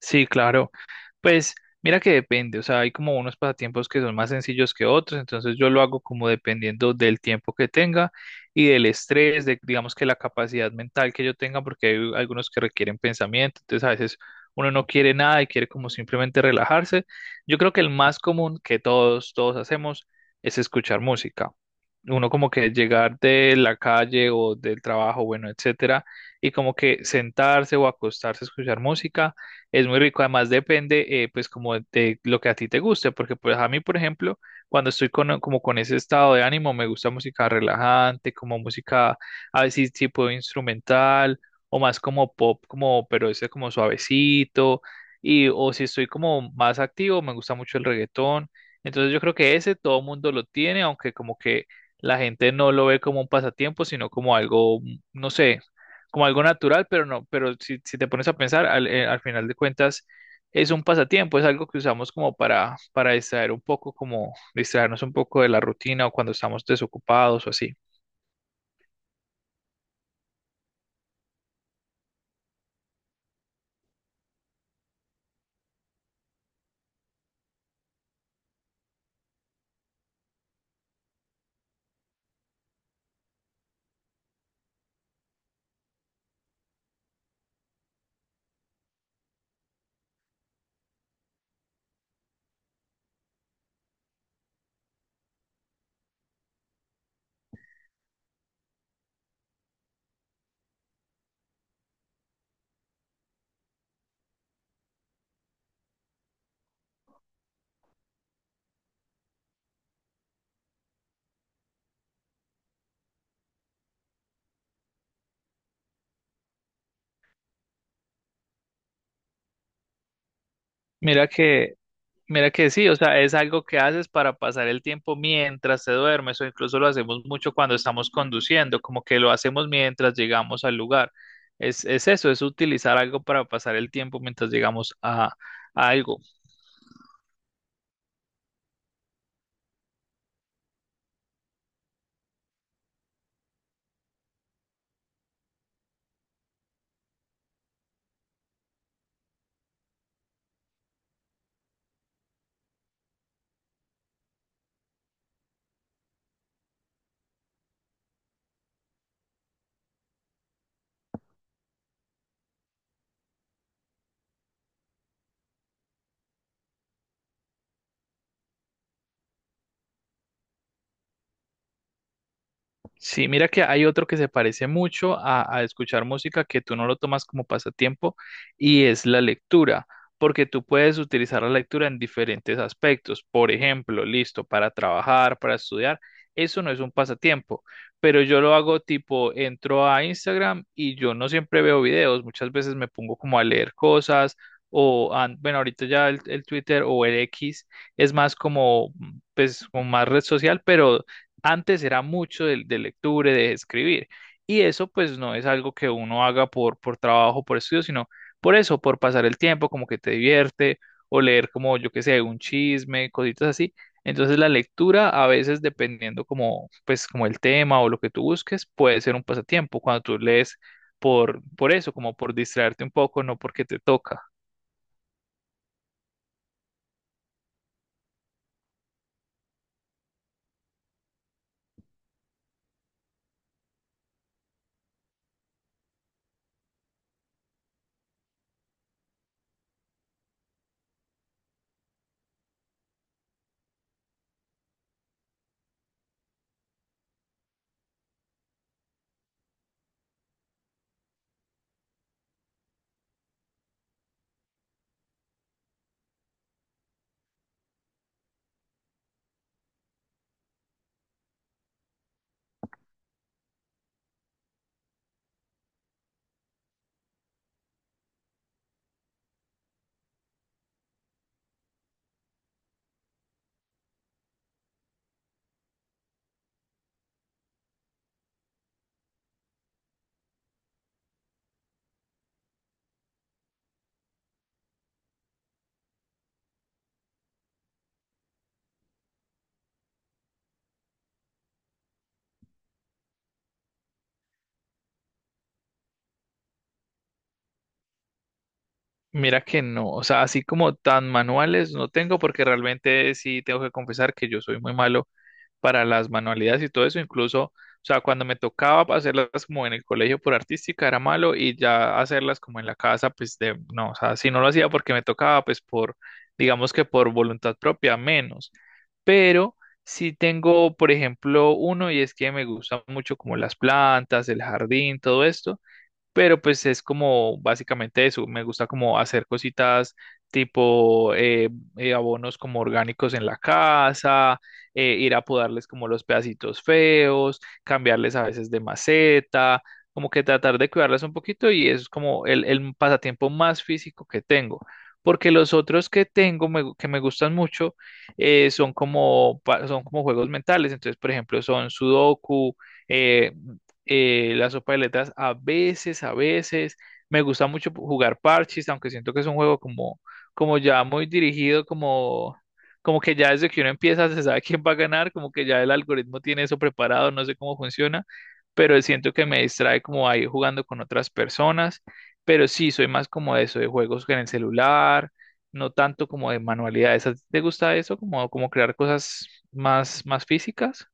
Sí, claro. Pues mira que depende, o sea, hay como unos pasatiempos que son más sencillos que otros, entonces yo lo hago como dependiendo del tiempo que tenga y del estrés, de digamos que la capacidad mental que yo tenga, porque hay algunos que requieren pensamiento, entonces a veces uno no quiere nada y quiere como simplemente relajarse. Yo creo que el más común que todos hacemos es escuchar música. Uno como que llegar de la calle o del trabajo, bueno, etcétera, y como que sentarse o acostarse a escuchar música es muy rico, además depende pues como de lo que a ti te guste, porque pues a mí, por ejemplo, cuando estoy con, como con ese estado de ánimo, me gusta música relajante, como música a veces tipo instrumental o más como pop, como pero ese como suavecito y o si estoy como más activo, me gusta mucho el reggaetón. Entonces yo creo que ese todo mundo lo tiene, aunque como que la gente no lo ve como un pasatiempo, sino como algo, no sé, como algo natural, pero no, pero si, si te pones a pensar, al final de cuentas es un pasatiempo, es algo que usamos como para distraer un poco, como distraernos un poco de la rutina o cuando estamos desocupados o así. Mira que, mira que sí, o sea, es algo que haces para pasar el tiempo mientras te duermes o incluso lo hacemos mucho cuando estamos conduciendo, como que lo hacemos mientras llegamos al lugar. Es eso, es utilizar algo para pasar el tiempo mientras llegamos a algo. Sí, mira que hay otro que se parece mucho a escuchar música que tú no lo tomas como pasatiempo y es la lectura, porque tú puedes utilizar la lectura en diferentes aspectos. Por ejemplo, listo, para trabajar, para estudiar, eso no es un pasatiempo, pero yo lo hago tipo, entro a Instagram y yo no siempre veo videos, muchas veces me pongo como a leer cosas o, ah, bueno, ahorita ya el Twitter o el X es más como, mm, pues, como más red social, pero antes era mucho de lectura, y de escribir. Y eso pues no es algo que uno haga por trabajo, por estudio, sino por eso, por pasar el tiempo, como que te divierte, o leer como yo que sé, un chisme, cositas así. Entonces la lectura a veces dependiendo como pues como el tema o lo que tú busques, puede ser un pasatiempo cuando tú lees por eso, como por distraerte un poco, no porque te toca. Mira que no, o sea, así como tan manuales no tengo porque realmente sí tengo que confesar que yo soy muy malo para las manualidades y todo eso, incluso, o sea, cuando me tocaba hacerlas como en el colegio por artística era malo y ya hacerlas como en la casa, pues de, no, o sea, si no lo hacía porque me tocaba, pues por, digamos que por voluntad propia, menos. Pero sí tengo, por ejemplo, uno y es que me gustan mucho como las plantas, el jardín, todo esto pero pues es como básicamente eso, me gusta como hacer cositas tipo abonos como orgánicos en la casa, ir a podarles como los pedacitos feos, cambiarles a veces de maceta, como que tratar de cuidarlas un poquito y eso es como el pasatiempo más físico que tengo. Porque los otros que tengo que me gustan mucho son como, son como juegos mentales. Entonces, por ejemplo, son Sudoku, eh, la sopa de letras a veces, a veces. Me gusta mucho jugar parches, aunque siento que es un juego como, como ya muy dirigido, como, como que ya desde que uno empieza se sabe quién va a ganar, como que ya el algoritmo tiene eso preparado, no sé cómo funciona, pero siento que me distrae como ahí jugando con otras personas. Pero sí, soy más como de eso, de juegos en el celular, no tanto como de manualidades. ¿A ti te gusta eso? ¿Como, como crear cosas más, más físicas?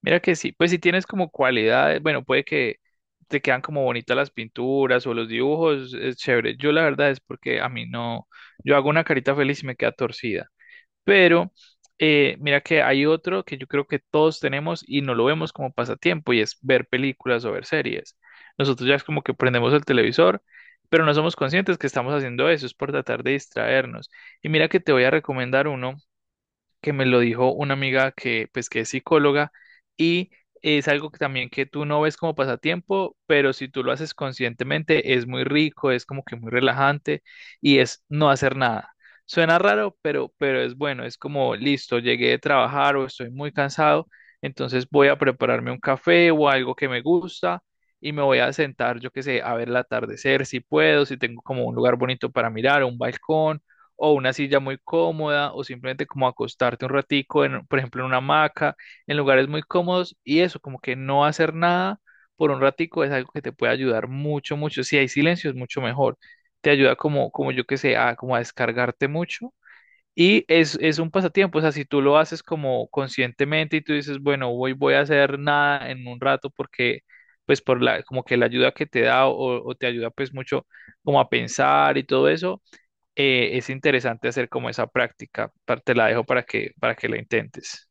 Mira que sí, pues si tienes como cualidades, bueno, puede que te quedan como bonitas las pinturas o los dibujos, es chévere. Yo la verdad es porque a mí no, yo hago una carita feliz y me queda torcida. Pero mira que hay otro que yo creo que todos tenemos y no lo vemos como pasatiempo y es ver películas o ver series. Nosotros ya es como que prendemos el televisor, pero no somos conscientes que estamos haciendo eso, es por tratar de distraernos. Y mira que te voy a recomendar uno que me lo dijo una amiga que, pues, que es psicóloga y es algo que también que tú no ves como pasatiempo, pero si tú lo haces conscientemente es muy rico, es como que muy relajante y es no hacer nada. Suena raro, pero es bueno, es como listo, llegué de trabajar o estoy muy cansado, entonces voy a prepararme un café o algo que me gusta y me voy a sentar, yo qué sé, a ver el atardecer si puedo, si tengo como un lugar bonito para mirar, un balcón o una silla muy cómoda o simplemente como acostarte un ratico, en, por ejemplo, en una hamaca, en lugares muy cómodos y eso, como que no hacer nada por un ratico es algo que te puede ayudar mucho, mucho. Si hay silencio es mucho mejor. Te ayuda como, como yo que sé, a, como a descargarte mucho. Es un pasatiempo, o sea, si tú lo haces como conscientemente y tú dices, bueno, hoy voy a hacer nada en un rato porque, pues, por la, como que la ayuda que te da o te ayuda, pues, mucho como a pensar y todo eso, es interesante hacer como esa práctica. Te la dejo para que la intentes.